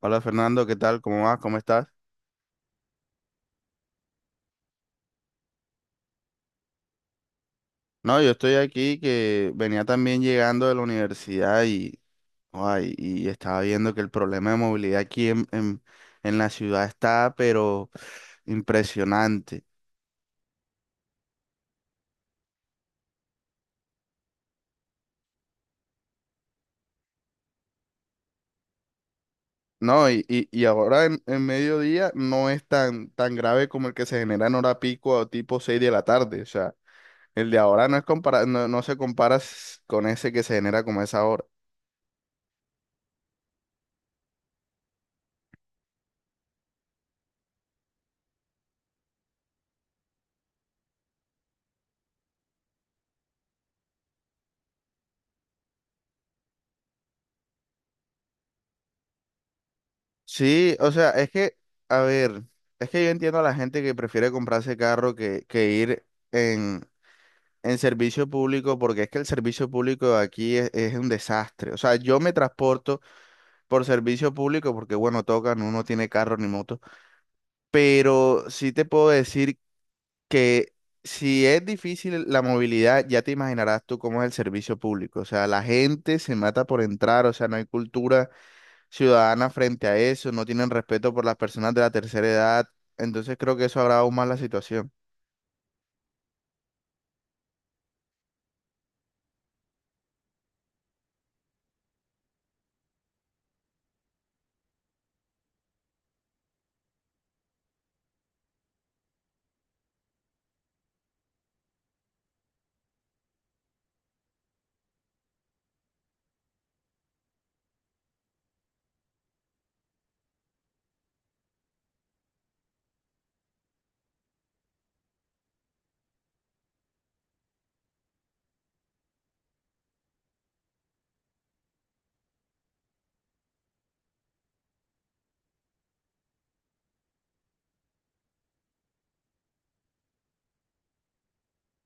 Hola Fernando, ¿qué tal? ¿Cómo vas? ¿Cómo estás? No, yo estoy aquí que venía también llegando de la universidad y, ay, y estaba viendo que el problema de movilidad aquí en la ciudad está, pero impresionante. No, y ahora en mediodía no es tan grave como el que se genera en hora pico o tipo 6 de la tarde. O sea, el de ahora no se compara con ese que se genera como a esa hora. Sí, o sea, es que, a ver, es que yo entiendo a la gente que prefiere comprarse carro que ir en, en servicio público, porque es que el servicio público aquí es un desastre. O sea, yo me transporto por servicio público porque, bueno, tocan, uno tiene carro ni moto, pero sí te puedo decir que si es difícil la movilidad, ya te imaginarás tú cómo es el servicio público. O sea, la gente se mata por entrar, o sea, no hay cultura ciudadana frente a eso, no tienen respeto por las personas de la tercera edad, entonces creo que eso agrava aún más la situación.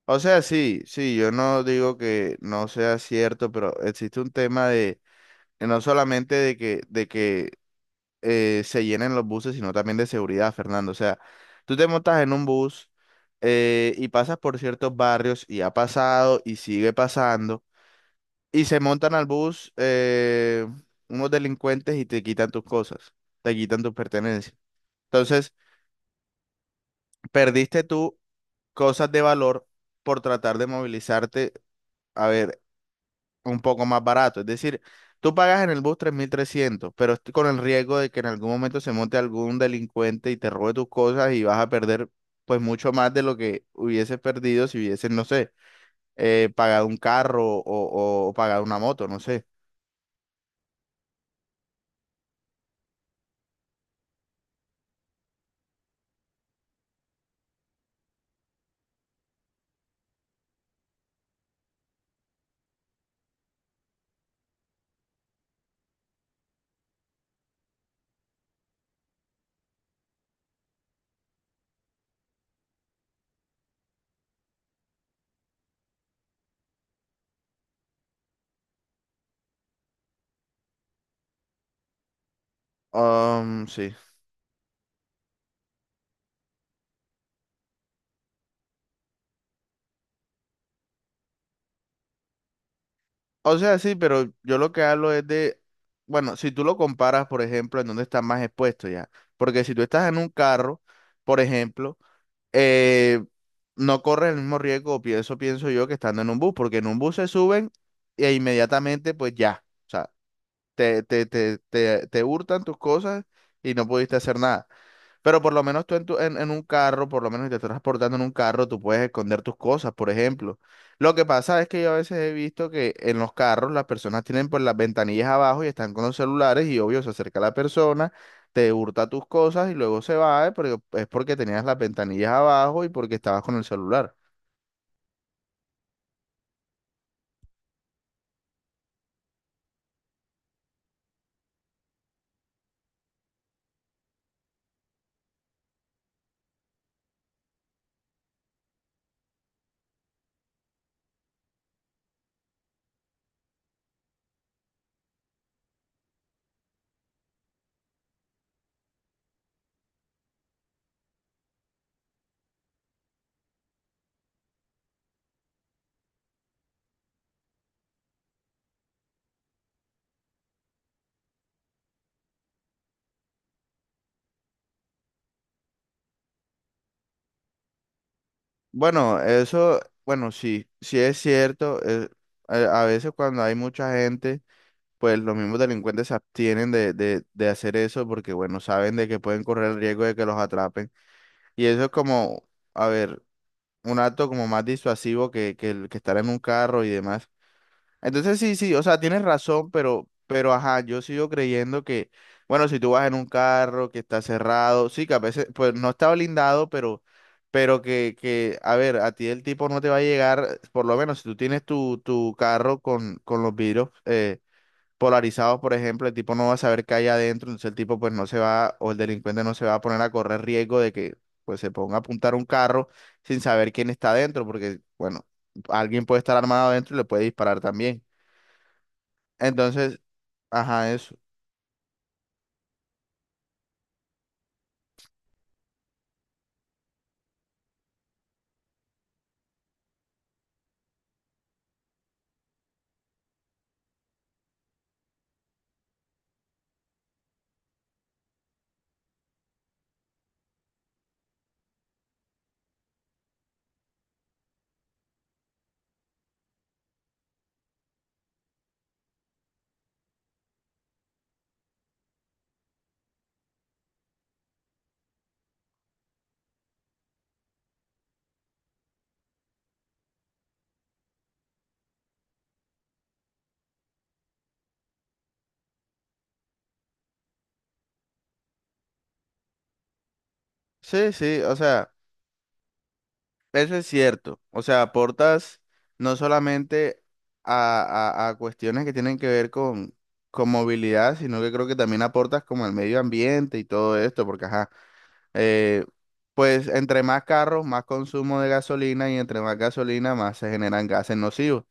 O sea, sí, sí, yo no digo que no sea cierto, pero existe un tema de no solamente de que, de que se llenen los buses, sino también de seguridad, Fernando. O sea, tú te montas en un bus y pasas por ciertos barrios y ha pasado y sigue pasando, y se montan al bus unos delincuentes y te quitan tus cosas, te quitan tus pertenencias. Entonces, perdiste tú cosas de valor por tratar de movilizarte, a ver, un poco más barato. Es decir, tú pagas en el bus 3.300, pero est- con el riesgo de que en algún momento se monte algún delincuente y te robe tus cosas y vas a perder pues mucho más de lo que hubieses perdido si hubieses, no sé, pagado un carro o pagado una moto, no sé. Sí. O sea, sí, pero yo lo que hablo es de, bueno, si tú lo comparas, por ejemplo, en dónde estás más expuesto ya. Porque si tú estás en un carro, por ejemplo, eh, no corres el mismo riesgo, o pienso, pienso yo, que estando en un bus, porque en un bus se suben e inmediatamente, pues ya, o sea, te hurtan tus cosas y no pudiste hacer nada. Pero por lo menos tú en, tu- en un carro, por lo menos si te estás transportando en un carro, tú puedes esconder tus cosas, por ejemplo. Lo que pasa es que yo a veces he visto que en los carros las personas tienen pues las ventanillas abajo y están con los celulares y obvio se acerca la persona, te hurta tus cosas y luego se va, porque es porque tenías las ventanillas abajo y porque estabas con el celular. Bueno, eso, bueno, sí, sí es cierto. A veces cuando hay mucha gente pues los mismos delincuentes se abstienen de hacer eso porque, bueno, saben de que pueden correr el riesgo de que los atrapen. Y eso es como, a ver, un acto como más disuasivo que el que estar en un carro y demás. Entonces, sí, sí, o sea, tienes razón, pero, ajá, yo sigo creyendo que, bueno, si tú vas en un carro que está cerrado, sí, que a veces, pues no está blindado, pero... Pero que, a ver, a ti el tipo no te va a llegar, por lo menos si tú tienes tu carro con los vidrios polarizados, por ejemplo, el tipo no va a saber qué hay adentro, entonces el tipo pues no se va, o el delincuente no se va a poner a correr riesgo de que pues se ponga a apuntar un carro sin saber quién está adentro, porque bueno, alguien puede estar armado adentro y le puede disparar también. Entonces, ajá, eso. Sí, sí, o sea, eso es cierto. O sea, aportas no solamente a cuestiones que tienen que ver con movilidad, sino que creo que también aportas como al medio ambiente y todo esto, porque ajá. Eh, pues entre más carros, más consumo de gasolina y entre más gasolina, más se generan gases nocivos.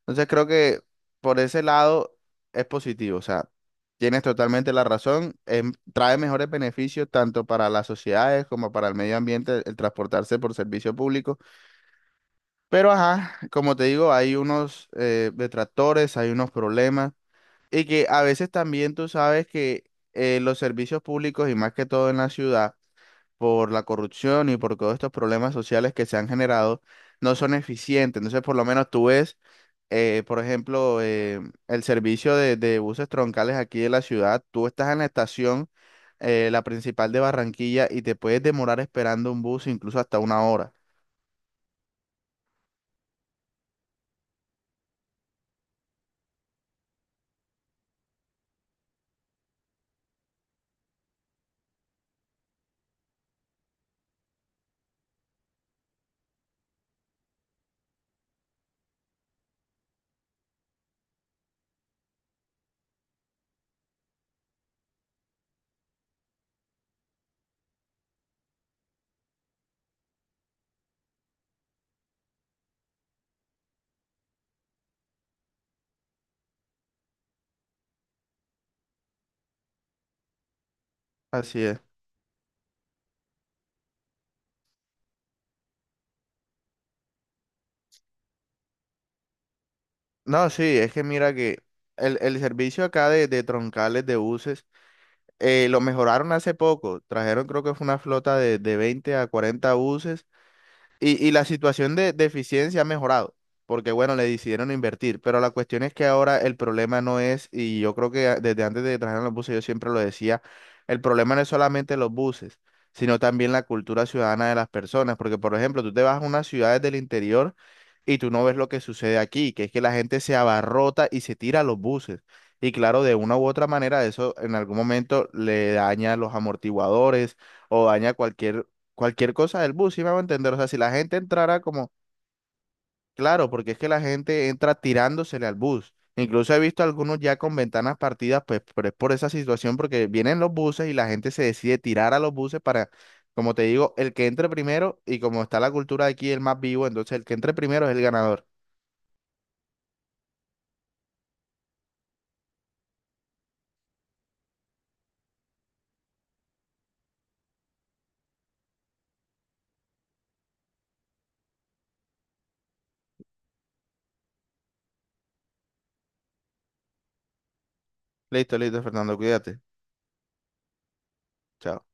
Entonces creo que por ese lado es positivo. O sea, tienes totalmente la razón. Trae mejores beneficios tanto para las sociedades como para el medio ambiente el transportarse por servicio público. Pero ajá, como te digo, hay unos detractores, hay unos problemas y que a veces también tú sabes que los servicios públicos y más que todo en la ciudad por la corrupción y por todos estos problemas sociales que se han generado, no son eficientes. Entonces, por lo menos tú ves, por ejemplo, el servicio de buses troncales aquí de la ciudad, tú estás en la estación, la principal de Barranquilla, y te puedes demorar esperando un bus incluso hasta una hora. Así es. No, sí, es que mira que el servicio acá de troncales de buses lo mejoraron hace poco. Trajeron, creo que fue una flota de 20 a 40 buses. Y la situación de eficiencia ha mejorado, porque bueno, le decidieron invertir, pero la cuestión es que ahora el problema no es, y yo creo que a- desde antes de que trajeran los buses, yo siempre lo decía, el problema no es solamente los buses, sino también la cultura ciudadana de las personas, porque por ejemplo, tú te vas a unas ciudades del interior y tú no ves lo que sucede aquí, que es que la gente se abarrota y se tira a los buses. Y claro, de una u otra manera, eso en algún momento le daña los amortiguadores o daña cualquier cosa del bus, ¿sí me va a entender? O sea, si la gente entrara como, claro, porque es que la gente entra tirándosele al bus. Incluso he visto algunos ya con ventanas partidas, pues, pero es por esa situación, porque vienen los buses y la gente se decide tirar a los buses para, como te digo, el que entre primero, y como está la cultura de aquí, el más vivo, entonces el que entre primero es el ganador. Listo, listo, Fernando, cuídate. Chao.